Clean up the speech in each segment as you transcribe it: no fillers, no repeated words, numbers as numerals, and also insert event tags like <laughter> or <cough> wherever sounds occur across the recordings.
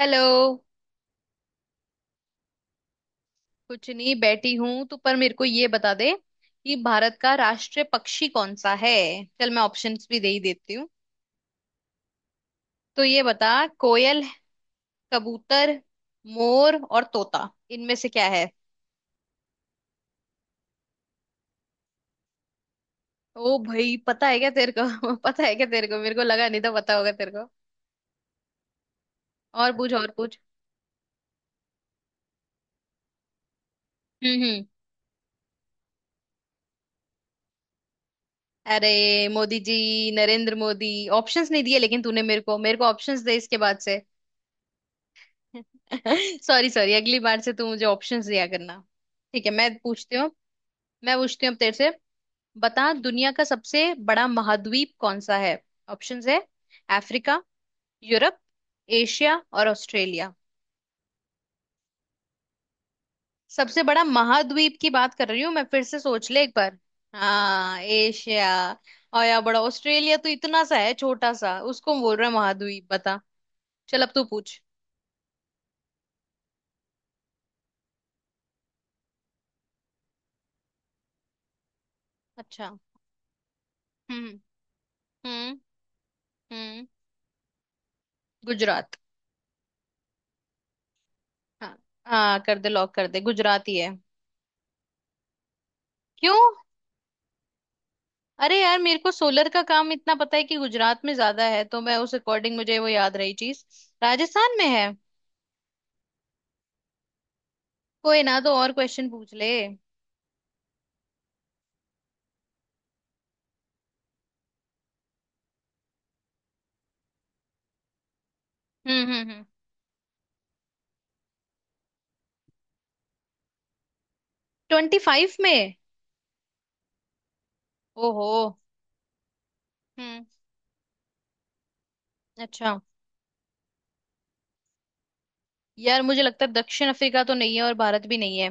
Hello. कुछ नहीं, बैठी हूं। तू पर मेरे को ये बता दे कि भारत का राष्ट्रीय पक्षी कौन सा है। चल मैं ऑप्शंस भी दे ही देती हूँ। तो ये बता, कोयल, कबूतर, मोर और तोता, इनमें से क्या है। ओ भाई, पता है क्या तेरे को <laughs> पता है क्या तेरे को। मेरे को लगा नहीं था पता होगा तेरे को। और पूछ, और पूछ। हम्म हम्म अरे मोदी जी, नरेंद्र मोदी। ऑप्शंस नहीं दिए लेकिन तूने मेरे को ऑप्शंस दे इसके बाद से। सॉरी सॉरी, अगली बार से तू मुझे ऑप्शंस दिया करना। ठीक है, मैं पूछती हूँ। मैं पूछती हूँ अब तेरे से। बता, दुनिया का सबसे बड़ा महाद्वीप कौन सा है। ऑप्शंस है, अफ्रीका, यूरोप, एशिया और ऑस्ट्रेलिया। सबसे बड़ा महाद्वीप की बात कर रही हूँ मैं, फिर से सोच ले एक बार। हाँ, एशिया। और या बड़ा ऑस्ट्रेलिया तो इतना सा है, छोटा सा, उसको बोल रहा है महाद्वीप। बता, चल अब तू पूछ। अच्छा। हम्म हम्म हम्म गुजरात हाँ। हाँ, कर दे, लॉक कर दे, गुजराती है। क्यों? अरे यार, मेरे को सोलर का काम इतना पता है कि गुजरात में ज्यादा है, तो मैं उस अकॉर्डिंग, मुझे वो याद रही चीज। राजस्थान में है? कोई ना, तो और क्वेश्चन पूछ ले। हम्म हम्म हम्म ट्वेंटी फाइव में? ओहो। हम्म। अच्छा। यार, मुझे लगता है दक्षिण अफ्रीका तो नहीं है और भारत भी नहीं है।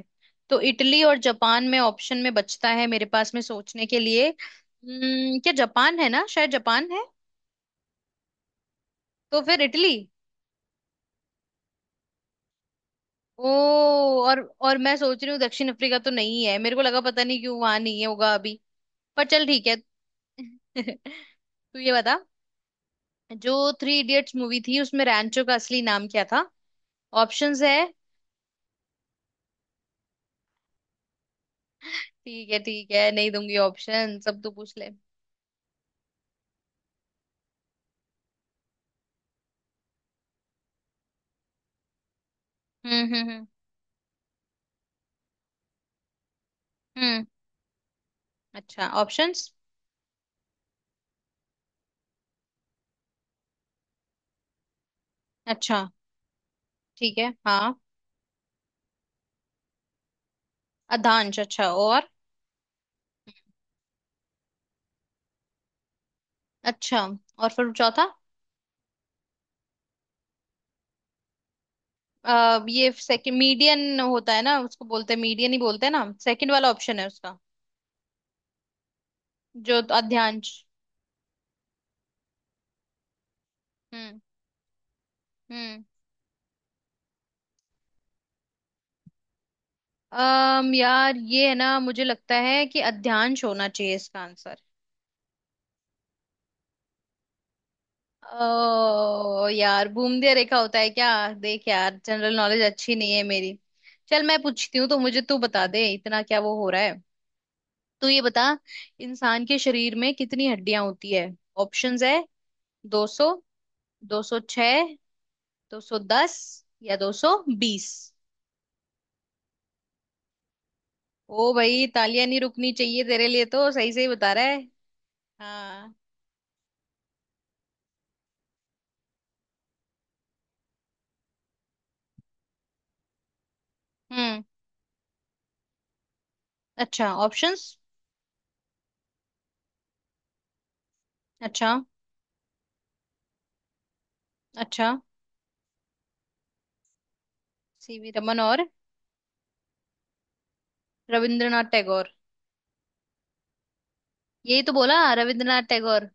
तो इटली और जापान में ऑप्शन में बचता है मेरे पास में सोचने के लिए। हम्म, क्या जापान है ना, शायद जापान है। तो फिर इटली। ओ। और मैं सोच रही हूँ दक्षिण अफ्रीका तो नहीं है, मेरे को लगा, पता नहीं क्यों, वहां नहीं है होगा अभी। पर चल ठीक है। <laughs> तू ये बता, जो थ्री इडियट्स मूवी थी उसमें रैंचो का असली नाम क्या था। ऑप्शंस है। ठीक है ठीक है, नहीं दूंगी ऑप्शन, सब तो पूछ ले। हम्म हम्म हम्म हम्म, अच्छा ऑप्शंस। अच्छा। ठीक है हाँ। अधांश, अच्छा, और? अच्छा, और फिर चौथा? ये सेकंड, मीडियन होता है ना, उसको बोलते हैं, मीडियन ही बोलते हैं ना, सेकंड वाला ऑप्शन है उसका, जो अध्यांश। हम्म हम्म अम यार, ये है ना, मुझे लगता है कि अध्यांश होना चाहिए इसका आंसर। ओ यार, भूमध्य रेखा होता है क्या? देख यार, जनरल नॉलेज अच्छी नहीं है मेरी। चल, मैं पूछती हूँ तो मुझे तू बता दे, इतना क्या वो हो रहा है। तू ये बता, इंसान के शरीर में कितनी हड्डियां होती है। ऑप्शंस है, 200, 206, 210 या 220। ओ भाई, तालियां नहीं रुकनी चाहिए तेरे लिए तो, सही सही बता रहा है। हाँ। हम्म, अच्छा ऑप्शंस। अच्छा। अच्छा, सीवी रमन, और? रविंद्रनाथ टैगोर। यही तो बोला, रविंद्रनाथ टैगोर।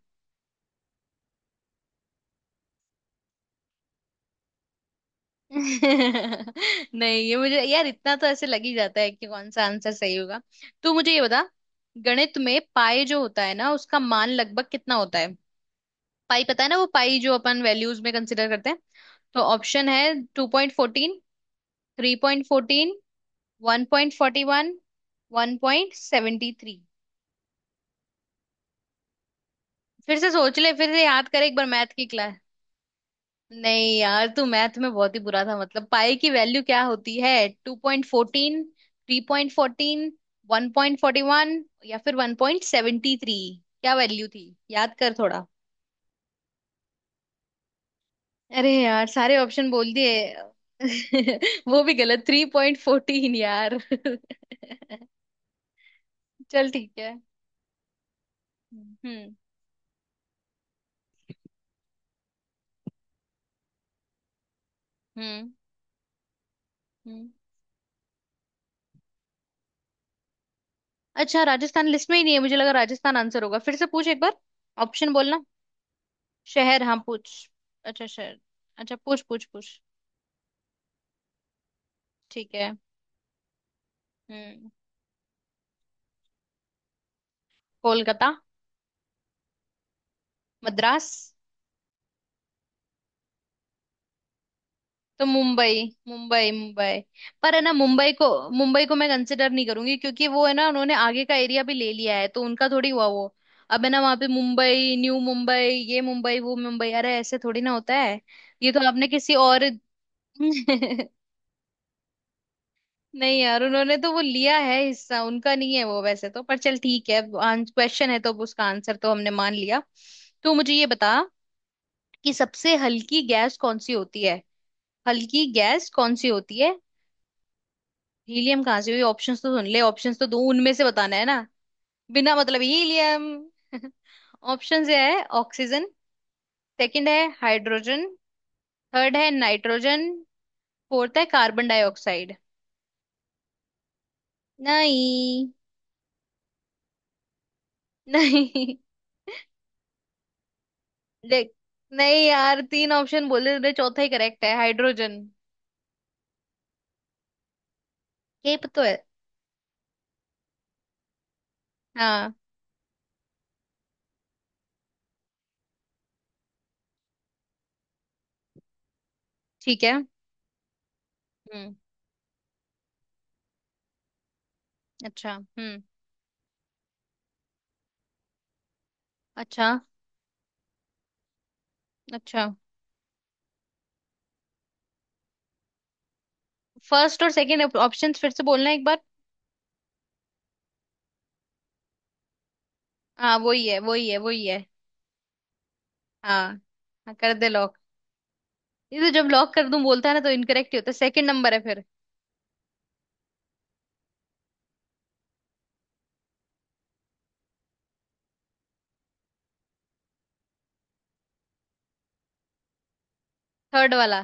<laughs> नहीं, ये मुझे यार इतना तो ऐसे लग ही जाता है कि कौन सा आंसर सही होगा। तू मुझे ये बता, गणित में पाई जो होता है ना, उसका मान लगभग कितना होता है। पाई पता है ना, वो पाई जो अपन वैल्यूज में कंसिडर करते हैं। तो ऑप्शन है, two point fourteen, three point fourteen, one point forty one, one point seventy three. फिर से सोच ले, फिर से याद कर एक बार मैथ की क्लास। नहीं यार, तू मैथ में बहुत ही बुरा था। मतलब, पाई की वैल्यू क्या होती है? Two point fourteen, three point fourteen, one point forty one या फिर वन पॉइंट सेवेंटी थ्री, क्या वैल्यू थी, याद कर थोड़ा। अरे यार, सारे ऑप्शन बोल दिए <laughs> वो भी गलत, थ्री पॉइंट फोर्टीन यार। <laughs> चल ठीक है। हम्म हम्म हम्म अच्छा राजस्थान लिस्ट में ही नहीं है, मुझे लगा राजस्थान आंसर होगा। फिर से पूछ एक बार। ऑप्शन बोलना, शहर? हाँ पूछ। अच्छा, शहर। अच्छा, पूछ पूछ पूछ। ठीक है। हम्म। कोलकाता। मद्रास। तो मुंबई, मुंबई, मुंबई। पर है ना, मुंबई को, मुंबई को मैं कंसिडर नहीं करूंगी, क्योंकि वो है ना, उन्होंने आगे का एरिया भी ले लिया है, तो उनका थोड़ी हुआ वो। अब है ना, वहां पे मुंबई, न्यू मुंबई, ये मुंबई, वो मुंबई, अरे ऐसे थोड़ी ना होता है। ये तो आपने किसी और। <laughs> नहीं यार, उन्होंने तो वो लिया है हिस्सा, उनका नहीं है वो वैसे तो। पर चल ठीक है, क्वेश्चन है तो अब उसका आंसर तो हमने मान लिया। तो मुझे ये बता कि सबसे हल्की गैस कौन सी होती है। हल्की गैस कौन सी होती है। हीलियम कहाँ से हुई, ऑप्शंस तो सुन ले, ऑप्शंस तो दो, उनमें से बताना है ना, बिना मतलब हीलियम। <laughs> ऑप्शंस ये है, ऑक्सीजन, सेकंड है हाइड्रोजन, थर्ड है नाइट्रोजन, फोर्थ है कार्बन डाइऑक्साइड। नहीं। <laughs> नहीं। देख, नहीं यार, तीन ऑप्शन बोले थे, चौथा ही करेक्ट है, हाइड्रोजन ये तो है। हाँ। ठीक है। हम्म अच्छा। अच्छा, अच्छा। फर्स्ट और सेकंड ऑप्शंस फिर से बोलना एक बार। हाँ वही है वही है। हाँ, हाँ कर दे लॉक। ये तो जब लॉक कर दूं बोलता है ना, तो इनकरेक्ट ही होता है। सेकंड नंबर है फिर। थर्ड वाला।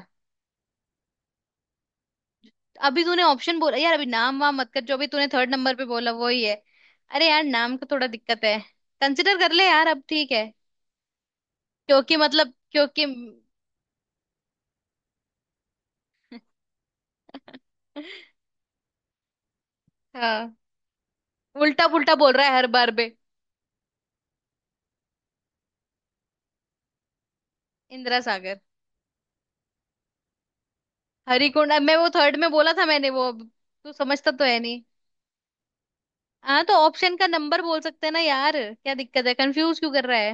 अभी तूने ऑप्शन बोला यार, अभी नाम वाम मत कर, जो अभी तूने थर्ड नंबर पे बोला वही है। अरे यार, नाम का थोड़ा दिक्कत है, कंसिडर कर ले यार अब, ठीक है। क्योंकि हाँ उल्टा पुल्टा बोल रहा है हर बार बे। इंदिरा सागर। हरिकुंड? अब मैं वो थर्ड में बोला था मैंने, वो अब तू समझता तो है नहीं। हाँ, तो ऑप्शन का नंबर बोल सकते हैं ना यार, क्या दिक्कत है, कंफ्यूज क्यों कर रहा है।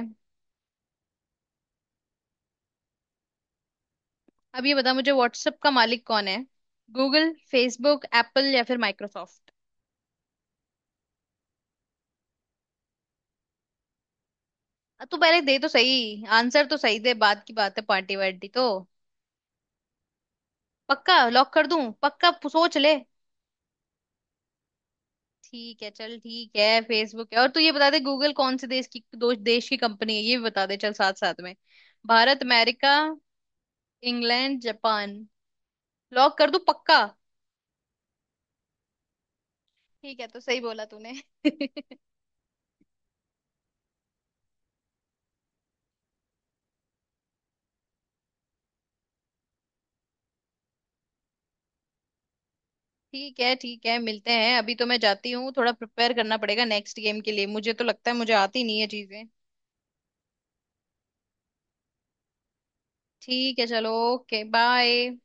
अब ये बता मुझे, व्हाट्सएप का मालिक कौन है, गूगल, फेसबुक, एप्पल या फिर माइक्रोसॉफ्ट। तू पहले दे तो सही आंसर, तो सही दे, बाद की बात है पार्टी वार्टी तो। पक्का? लॉक कर दूं? पक्का सोच ले। ठीक है, चल ठीक है, फेसबुक है। और तू ये बता दे, गूगल कौन से देश की, दो देश की कंपनी है, ये भी बता दे, चल साथ साथ में। Bharat, America, England, Japan. Lock कर दूं पक्का? ठीक है, तो सही बोला तूने। <laughs> ठीक है ठीक है, मिलते हैं। अभी तो मैं जाती हूँ, थोड़ा प्रिपेयर करना पड़ेगा नेक्स्ट गेम के लिए, मुझे तो लगता है मुझे आती नहीं है चीजें। ठीक है, चलो ओके बाय।